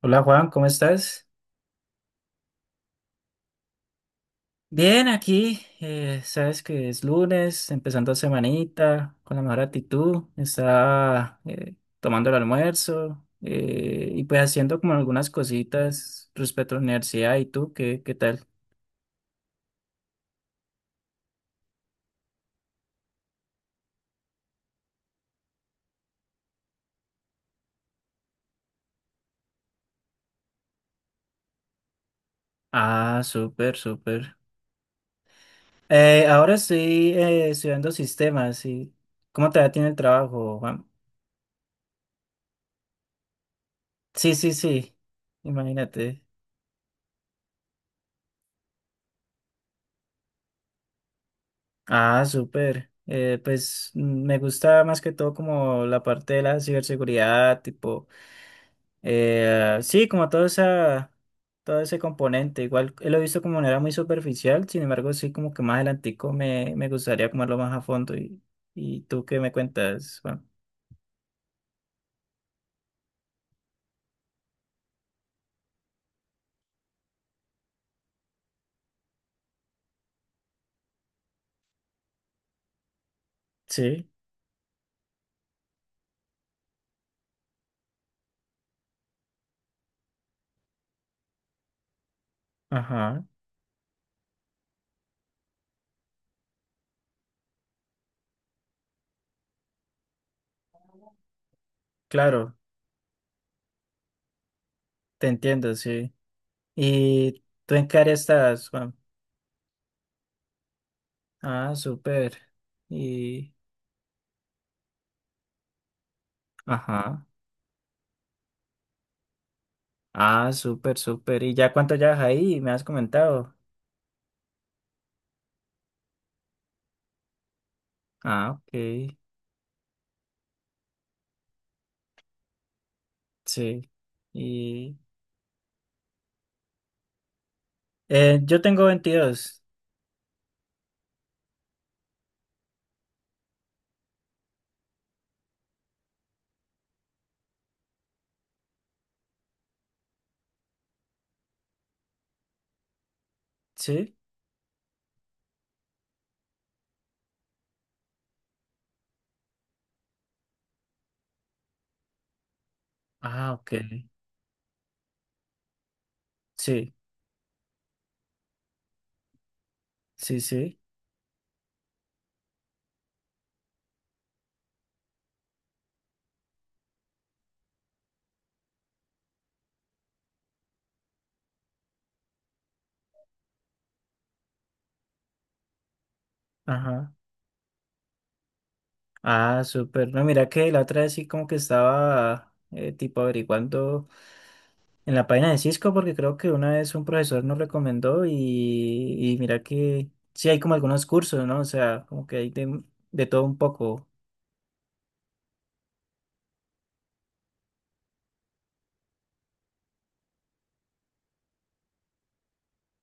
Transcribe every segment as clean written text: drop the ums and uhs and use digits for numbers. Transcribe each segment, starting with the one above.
Hola Juan, ¿cómo estás? Bien, aquí, sabes que es lunes, empezando semanita, con la mejor actitud, está tomando el almuerzo y pues haciendo como algunas cositas respecto a la universidad. ¿Y tú qué tal? Ah, súper, súper. Ahora estoy estudiando sistemas y ¿cómo te va a ti en el trabajo, Juan? Sí, sí, sí, imagínate. Ah, súper. Pues me gusta más que todo como la parte de la ciberseguridad, tipo, sí, como todo ese componente. Igual lo he visto como de manera muy superficial, sin embargo, sí, como que más adelantico me gustaría comerlo más a fondo. ¿Y tú qué me cuentas, Juan? Sí, ajá, claro, te entiendo, sí. ¿Y tú en qué área estás, Juan? Ah, súper. Y, ajá. Ah, súper, súper. ¿Y ya cuánto llevas ahí? Me has comentado. Ah, ok. Sí. Y yo tengo 22. ¿Sí? Ah, ok. Sí, sí, sí. Ajá. Ah, súper. No, mira que la otra vez sí como que estaba tipo averiguando en la página de Cisco porque creo que una vez un profesor nos recomendó y mira que sí hay como algunos cursos, ¿no? O sea, como que hay de todo un poco.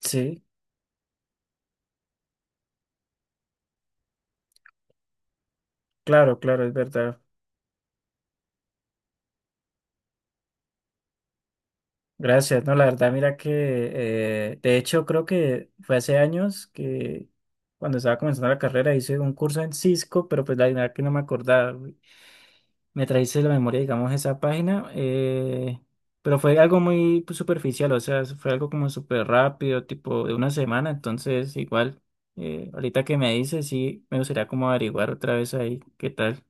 Sí, claro, claro, es verdad. Gracias, no, la verdad, mira que de hecho creo que fue hace años que cuando estaba comenzando la carrera hice un curso en Cisco, pero pues la verdad que no me acordaba. Güey. Me trajiste la memoria, digamos, esa página, pero fue algo muy pues, superficial, o sea, fue algo como súper rápido, tipo de una semana, entonces igual, ahorita que me dices, sí, me gustaría como averiguar otra vez ahí. ¿Qué tal?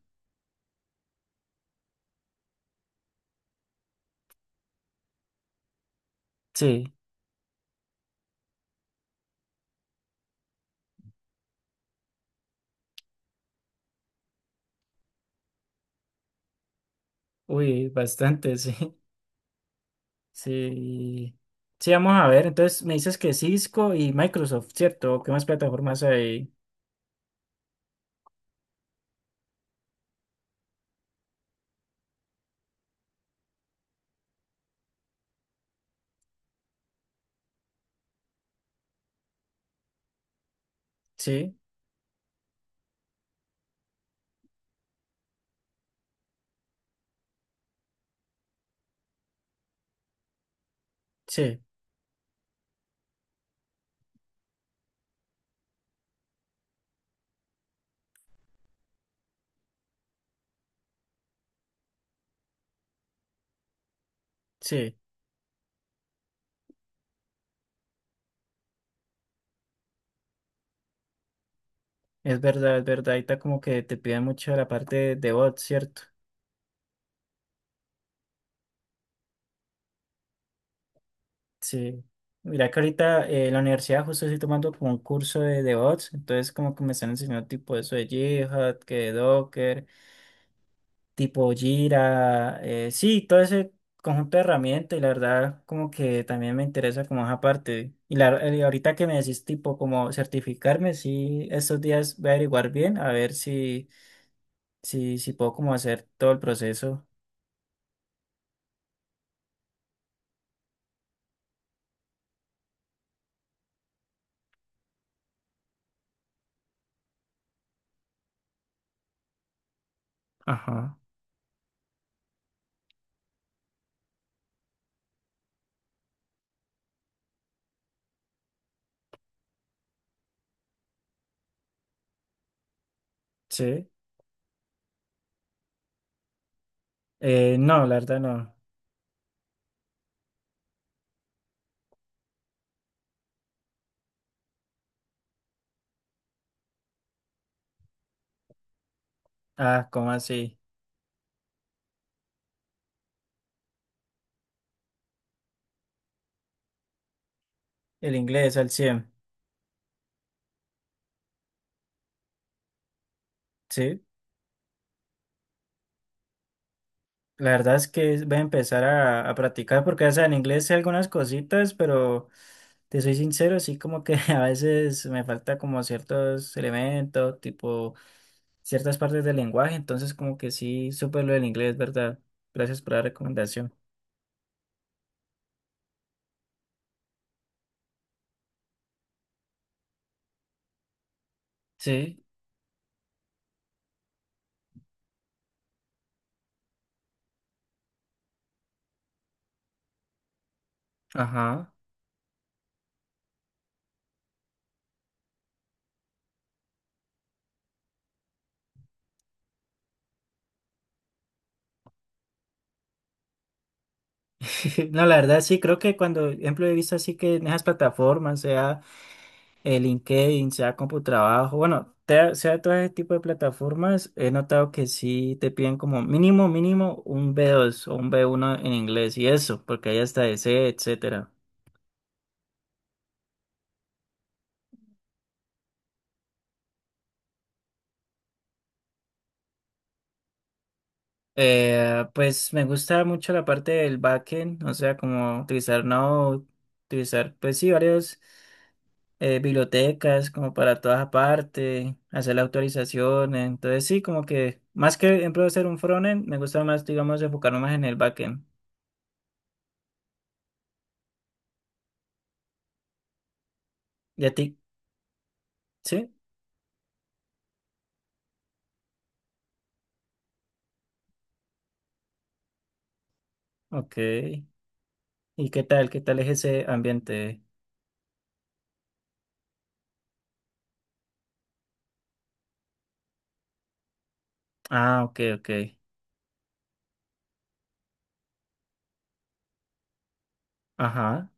Sí, uy, bastante, sí. Sí. Sí, vamos a ver. Entonces me dices que Cisco y Microsoft, ¿cierto? ¿Qué más plataformas hay? Sí, sí, sí. Es verdad, es verdad. Ahorita como que te piden mucho la parte de bots, ¿cierto? Sí. Mira que ahorita en la universidad justo estoy tomando tipo Jira, sí, todo ese conjunto de herramientas y la verdad como que también me interesa como esa parte. Y ahorita que me decís tipo como certificarme, sí, estos días voy a averiguar bien a ver si, puedo como hacer todo el proceso. Ajá. Sí. No, la verdad no. Ah, ¿cómo así? El inglés al 100. ¿Sí? La verdad es que voy a empezar a practicar porque, o sea, en inglés sé algunas cositas, pero te soy sincero, sí como que a veces me falta como ciertos elementos, tipo ciertas partes del lenguaje, entonces como que sí, súper lo del inglés, ¿verdad? Gracias por la recomendación. Sí, ajá. No, la verdad sí, creo que cuando, ejemplo, he visto así que en esas plataformas, sea... el LinkedIn, sea CompuTrabajo, bueno, sea todo ese tipo de plataformas, he notado que sí te piden como mínimo, mínimo un B2 o un B1 en inglés y eso, porque hay hasta ese, etcétera. Pues me gusta mucho la parte del backend, o sea, como utilizar Node, utilizar, pues sí, varios bibliotecas como para todas aparte, hacer la autorización, entonces sí, como que más que, por ejemplo, hacer un frontend, me gusta más, digamos, enfocarme más en el backend. ¿Y a ti? ¿Sí? Ok. ¿Y qué tal? ¿Qué tal es ese ambiente? Ah, ok, ok. Ajá,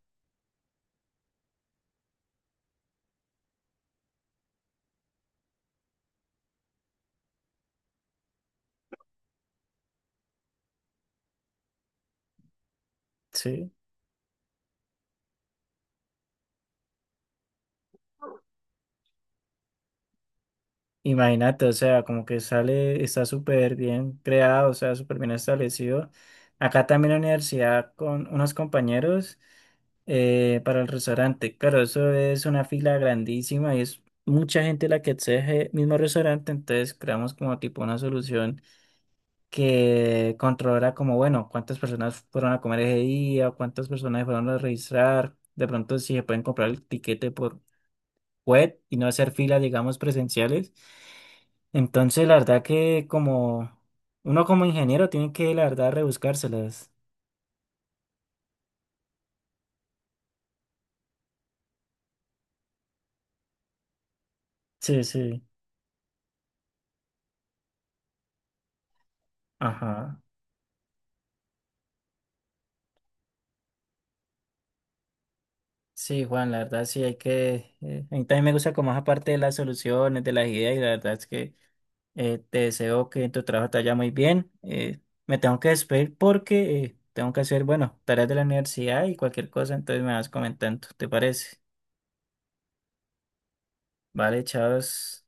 sí. Imagínate, o sea, como que sale, está súper bien creado, o sea, súper bien establecido. Acá también en la universidad con unos compañeros para el restaurante. Claro, eso es una fila grandísima y es mucha gente la que exige el mismo restaurante, entonces creamos como tipo una solución, que controlara como, bueno, cuántas personas fueron a comer ese día, cuántas personas fueron a registrar, de pronto si se pueden comprar el tiquete por web y no hacer filas, digamos, presenciales. Entonces, la verdad que como uno como ingeniero tiene que, la verdad, rebuscárselas. Sí, sí. Ajá. Sí, Juan, la verdad sí hay que... a mí también me gusta como esa parte de las soluciones, de las ideas y la verdad es que... Te deseo que en tu trabajo te vaya muy bien. Me tengo que despedir porque tengo que hacer, bueno, tareas de la universidad y cualquier cosa, entonces me vas comentando, ¿te parece? Vale, chavos.